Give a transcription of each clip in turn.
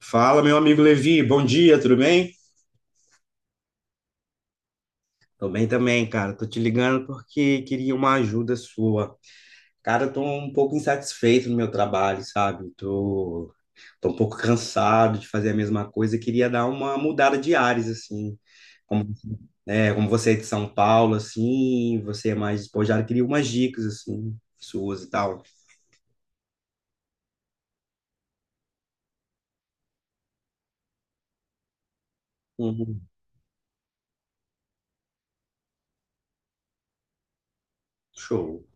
Fala, meu amigo Levi, bom dia, tudo bem? Tô bem também, cara. Tô te ligando porque queria uma ajuda sua. Cara, eu tô um pouco insatisfeito no meu trabalho, sabe? Tô um pouco cansado de fazer a mesma coisa. Queria dar uma mudada de ares, assim. Como, como você é de São Paulo, assim, você é mais despojado, queria umas dicas, assim, suas e tal. Uhum. Show.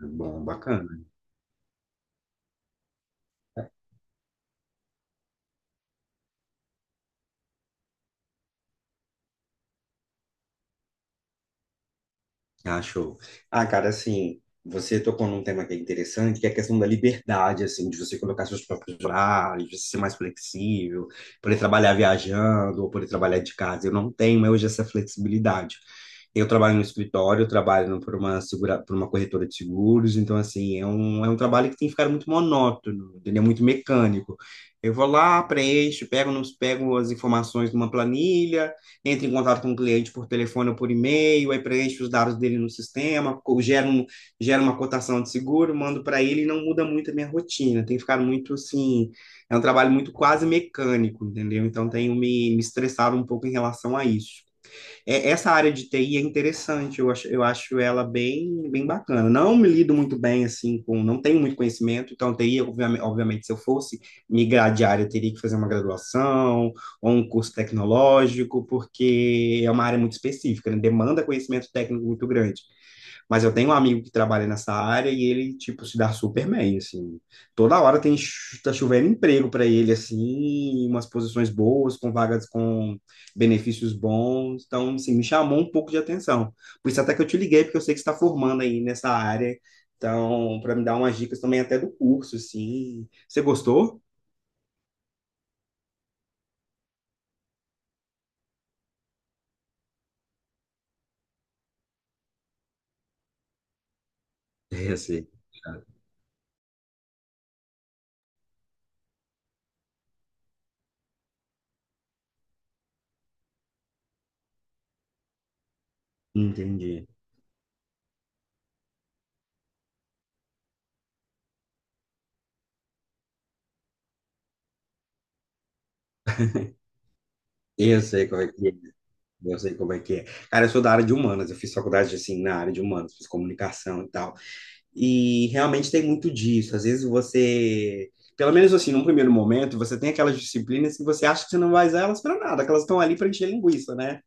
Bom, bacana. Ah, show. Ah, cara, assim, você tocou num tema que é interessante, que é a questão da liberdade, assim, de você colocar seus próprios horários, de você ser mais flexível, poder trabalhar viajando ou poder trabalhar de casa. Eu não tenho hoje essa flexibilidade. Eu trabalho no escritório, eu trabalho por uma segura, por uma corretora de seguros, então, assim, é um trabalho que tem ficado muito monótono, entendeu? Muito mecânico. Eu vou lá, preencho, pego as informações numa planilha, entra em contato com o cliente por telefone ou por e-mail, aí preenche os dados dele no sistema, gera uma cotação de seguro, mando para ele e não muda muito a minha rotina. Tem ficado muito assim, é um trabalho muito quase mecânico, entendeu? Então tenho me estressado um pouco em relação a isso. Essa área de TI é interessante, eu acho ela bem, bem bacana. Não me lido muito bem, assim, com, não tenho muito conhecimento, então TI, obviamente, se eu fosse migrar de área, eu teria que fazer uma graduação ou um curso tecnológico, porque é uma área muito específica, né? Demanda conhecimento técnico muito grande. Mas eu tenho um amigo que trabalha nessa área e ele, tipo, se dá super bem, assim. Toda hora tem, tá chovendo emprego para ele, assim, umas posições boas, com vagas com benefícios bons. Então, assim, me chamou um pouco de atenção. Por isso até que eu te liguei, porque eu sei que você está formando aí nessa área. Então, para me dar umas dicas também até do curso, assim. Você gostou? Eu sei. Entendi. Eu sei como é que é. Eu sei como é que é. Cara, eu sou da área de humanas, eu fiz faculdade assim na área de humanas, fiz comunicação e tal. E realmente tem muito disso. Às vezes você, pelo menos assim, num primeiro momento, você tem aquelas disciplinas que você acha que você não vai usar elas para nada, que elas estão ali para encher linguiça, né?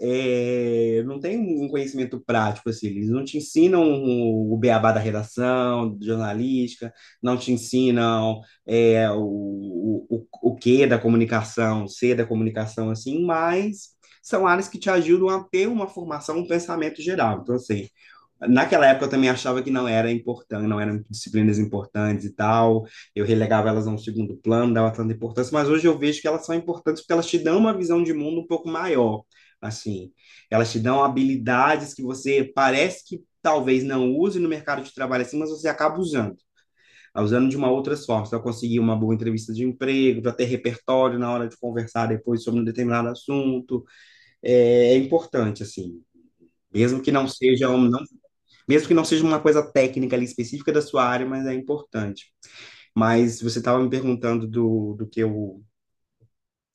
É, não tem um conhecimento prático, assim, eles não te ensinam o beabá da redação, de jornalística, não te ensinam é, o, o que da comunicação, o C da comunicação, assim, mas são áreas que te ajudam a ter uma formação, um pensamento geral. Então, assim, naquela época eu também achava que não era importante, não eram disciplinas importantes e tal. Eu relegava elas a um segundo plano, dava tanta importância, mas hoje eu vejo que elas são importantes porque elas te dão uma visão de mundo um pouco maior, assim. Elas te dão habilidades que você parece que talvez não use no mercado de trabalho assim, mas você acaba usando, tá usando de uma outra forma, para conseguir uma boa entrevista de emprego, para ter repertório na hora de conversar depois sobre um determinado assunto. É, é importante assim, mesmo que não seja um, não mesmo que não seja uma coisa técnica ali específica da sua área, mas é importante. Mas você estava me perguntando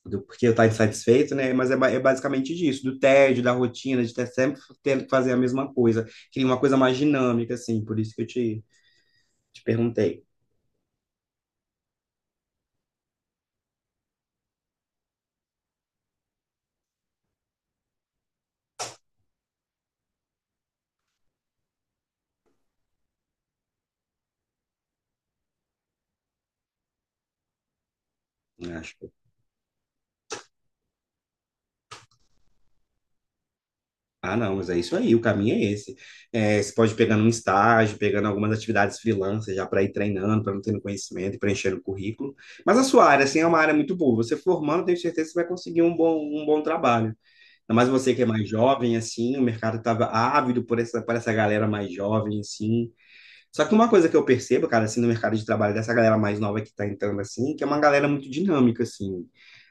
do porquê eu estar insatisfeito, né? Mas é, é basicamente disso, do tédio, da rotina, de ter sempre ter que fazer a mesma coisa. Queria uma coisa mais dinâmica, assim, por isso que eu te perguntei, eu acho. Ah, não, mas é isso aí, o caminho é esse. É, você pode pegar um estágio, pegando algumas atividades freelance já para ir treinando, para não ter conhecimento e preenchendo o currículo. Mas a sua área, assim, é uma área muito boa. Você formando, tenho certeza que você vai conseguir um bom trabalho. Ainda mais você que é mais jovem, assim, o mercado estava ávido por essa galera mais jovem, assim. Só que uma coisa que eu percebo, cara, assim, no mercado de trabalho dessa galera mais nova que está entrando, assim, que é uma galera muito dinâmica, assim.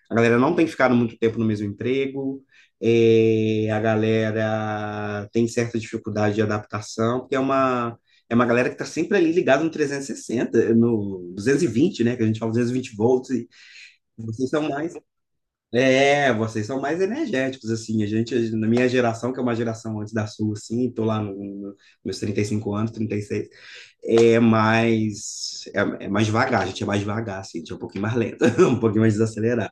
A galera não tem ficado muito tempo no mesmo emprego, é, a galera tem certa dificuldade de adaptação, porque é uma galera que está sempre ali ligada no 360, no 220, né? Que a gente fala 220 volts, e vocês são mais. É, vocês são mais energéticos, assim. A gente, na minha geração, que é uma geração antes da sua, assim, tô lá no, no, meus 35 anos, 36, é mais, é, é mais devagar, a gente é mais devagar, assim, a gente é um pouquinho mais lento, um pouquinho mais desacelerado,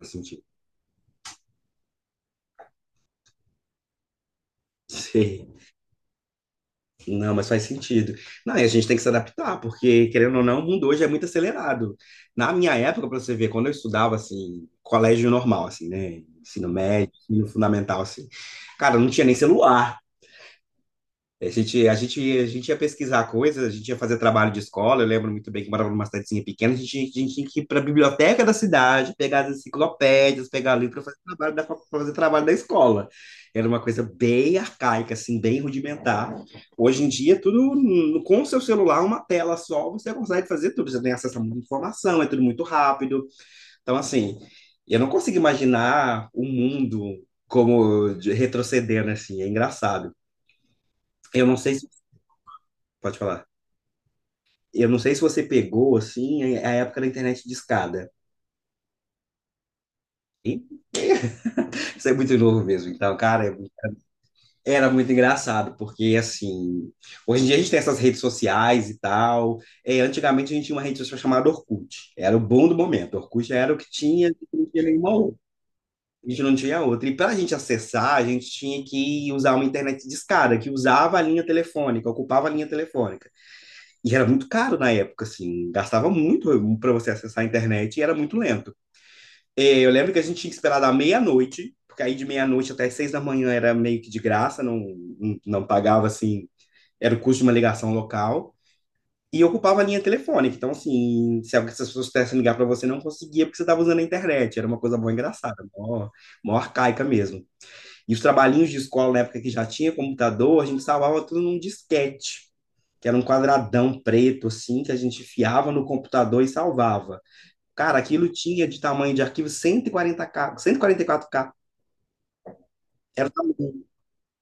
assim, tipo, sei. Não, mas faz sentido. Não, e a gente tem que se adaptar, porque, querendo ou não, o mundo hoje é muito acelerado. Na minha época, para você ver, quando eu estudava, assim, colégio normal, assim, né? Ensino médio, ensino fundamental, assim. Cara, não tinha nem celular. A gente ia pesquisar coisas, a gente ia fazer trabalho de escola. Eu lembro muito bem que morava numa cidadezinha pequena, a gente tinha que ir para a biblioteca da cidade, pegar as enciclopédias, pegar livro para fazer trabalho pra fazer trabalho da escola. Era uma coisa bem arcaica, assim, bem rudimentar. Hoje em dia, tudo com o seu celular, uma tela só, você consegue fazer tudo. Você tem acesso a muita informação, é tudo muito rápido. Então, assim, eu não consigo imaginar o mundo como retrocedendo, assim, é engraçado. Eu não sei se. Pode falar. Eu não sei se você pegou, assim, a época da internet discada. Ih, isso é muito novo mesmo. Então, cara, era muito engraçado, porque, assim, hoje em dia a gente tem essas redes sociais e tal. É, antigamente a gente tinha uma rede social chamada Orkut. Era o bom do momento. Orkut era o que tinha, a gente não tinha nenhuma outra. A gente não tinha outra. E para a gente acessar, a gente tinha que usar uma internet discada, que usava a linha telefônica, ocupava a linha telefônica. E era muito caro na época, assim, gastava muito para você acessar a internet e era muito lento. É, eu lembro que a gente tinha que esperar da meia-noite, porque aí de meia-noite até 6 da manhã era meio que de graça, não, não, não pagava assim, era o custo de uma ligação local. E ocupava a linha telefônica. Então, assim, se as pessoas quisessem ligar para você, não conseguia porque você estava usando a internet. Era uma coisa boa engraçada, mó, mó arcaica mesmo. E os trabalhinhos de escola, na época que já tinha computador, a gente salvava tudo num disquete, que era um quadradão preto, assim, que a gente enfiava no computador e salvava. Cara, aquilo tinha de tamanho de arquivo 140K, 144K. Era o tamanho.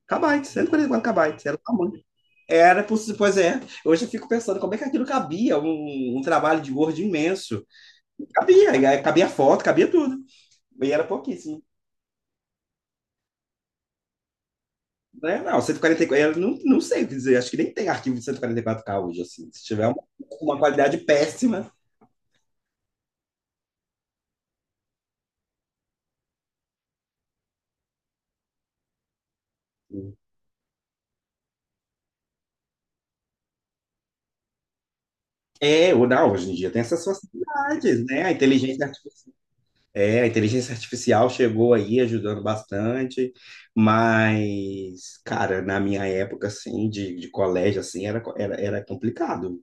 KB, 144 KB, era o tamanho. Era possível, pois é. Hoje eu fico pensando como é que aquilo cabia, um trabalho de Word imenso. Cabia, e aí cabia foto, cabia tudo. E era pouquíssimo. Né? Não, 144, eu não, não sei o que dizer, acho que nem tem arquivo de 144K hoje, assim. Se tiver uma qualidade péssima. É, ou não, hoje em dia tem essas facilidades, né? A inteligência É, a inteligência artificial chegou aí ajudando bastante, mas, cara, na minha época, assim, de colégio, assim, era complicado.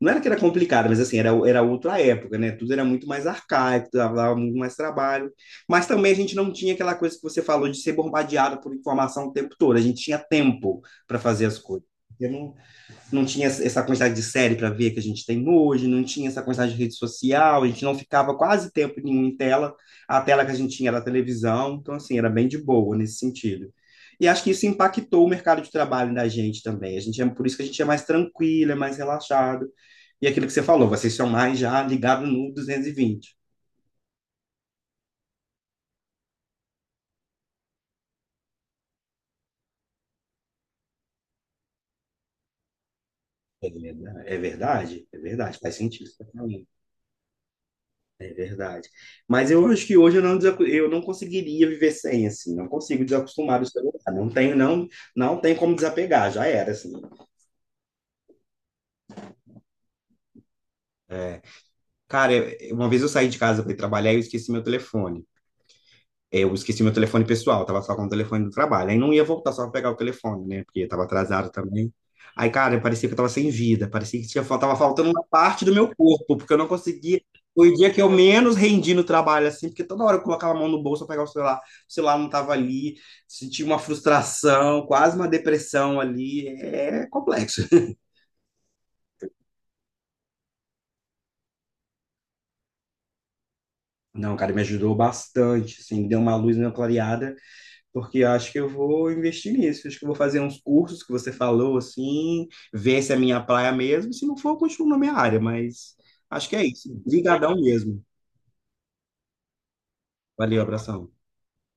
Não era que era complicado, mas, assim, era outra época, né? Tudo era muito mais arcaico, dava muito mais trabalho. Mas também a gente não tinha aquela coisa que você falou de ser bombardeado por informação o tempo todo. A gente tinha tempo para fazer as coisas não tinha essa quantidade de série para ver que a gente tem hoje, não tinha essa quantidade de rede social, a gente não ficava quase tempo nenhum em tela, a tela que a gente tinha era a televisão, então assim, era bem de boa nesse sentido. E acho que isso impactou o mercado de trabalho da gente também. A gente é por isso que a gente é mais tranquilo, é mais relaxado. E aquilo que você falou, vocês são mais já ligados no 220. É. É verdade, é verdade, faz sentido. É verdade. Mas eu acho que hoje eu não, eu não conseguiria viver sem, assim. Não consigo desacostumar do celular. Não tenho, não, não tem como desapegar, já era, assim. Cara, uma vez eu saí de casa para ir trabalhar e eu esqueci meu telefone. Eu esqueci meu telefone pessoal, tava só com o telefone do trabalho. Aí não ia voltar só pra pegar o telefone, né? Porque tava atrasado também. Aí, cara, parecia que eu tava sem vida, parecia que tinha, tava faltando uma parte do meu corpo, porque eu não conseguia. Foi o dia que eu menos rendi no trabalho, assim, porque toda hora eu colocava a mão no bolso pra pegar o celular não tava ali, senti uma frustração, quase uma depressão ali. É complexo. Não, cara, me ajudou bastante, assim, deu uma luz na clareada. Porque acho que eu vou investir nisso. Acho que eu vou fazer uns cursos que você falou, assim, ver se é minha praia mesmo. Se não for, eu continuo na minha área, mas acho que é isso. Obrigadão mesmo. Valeu, abração.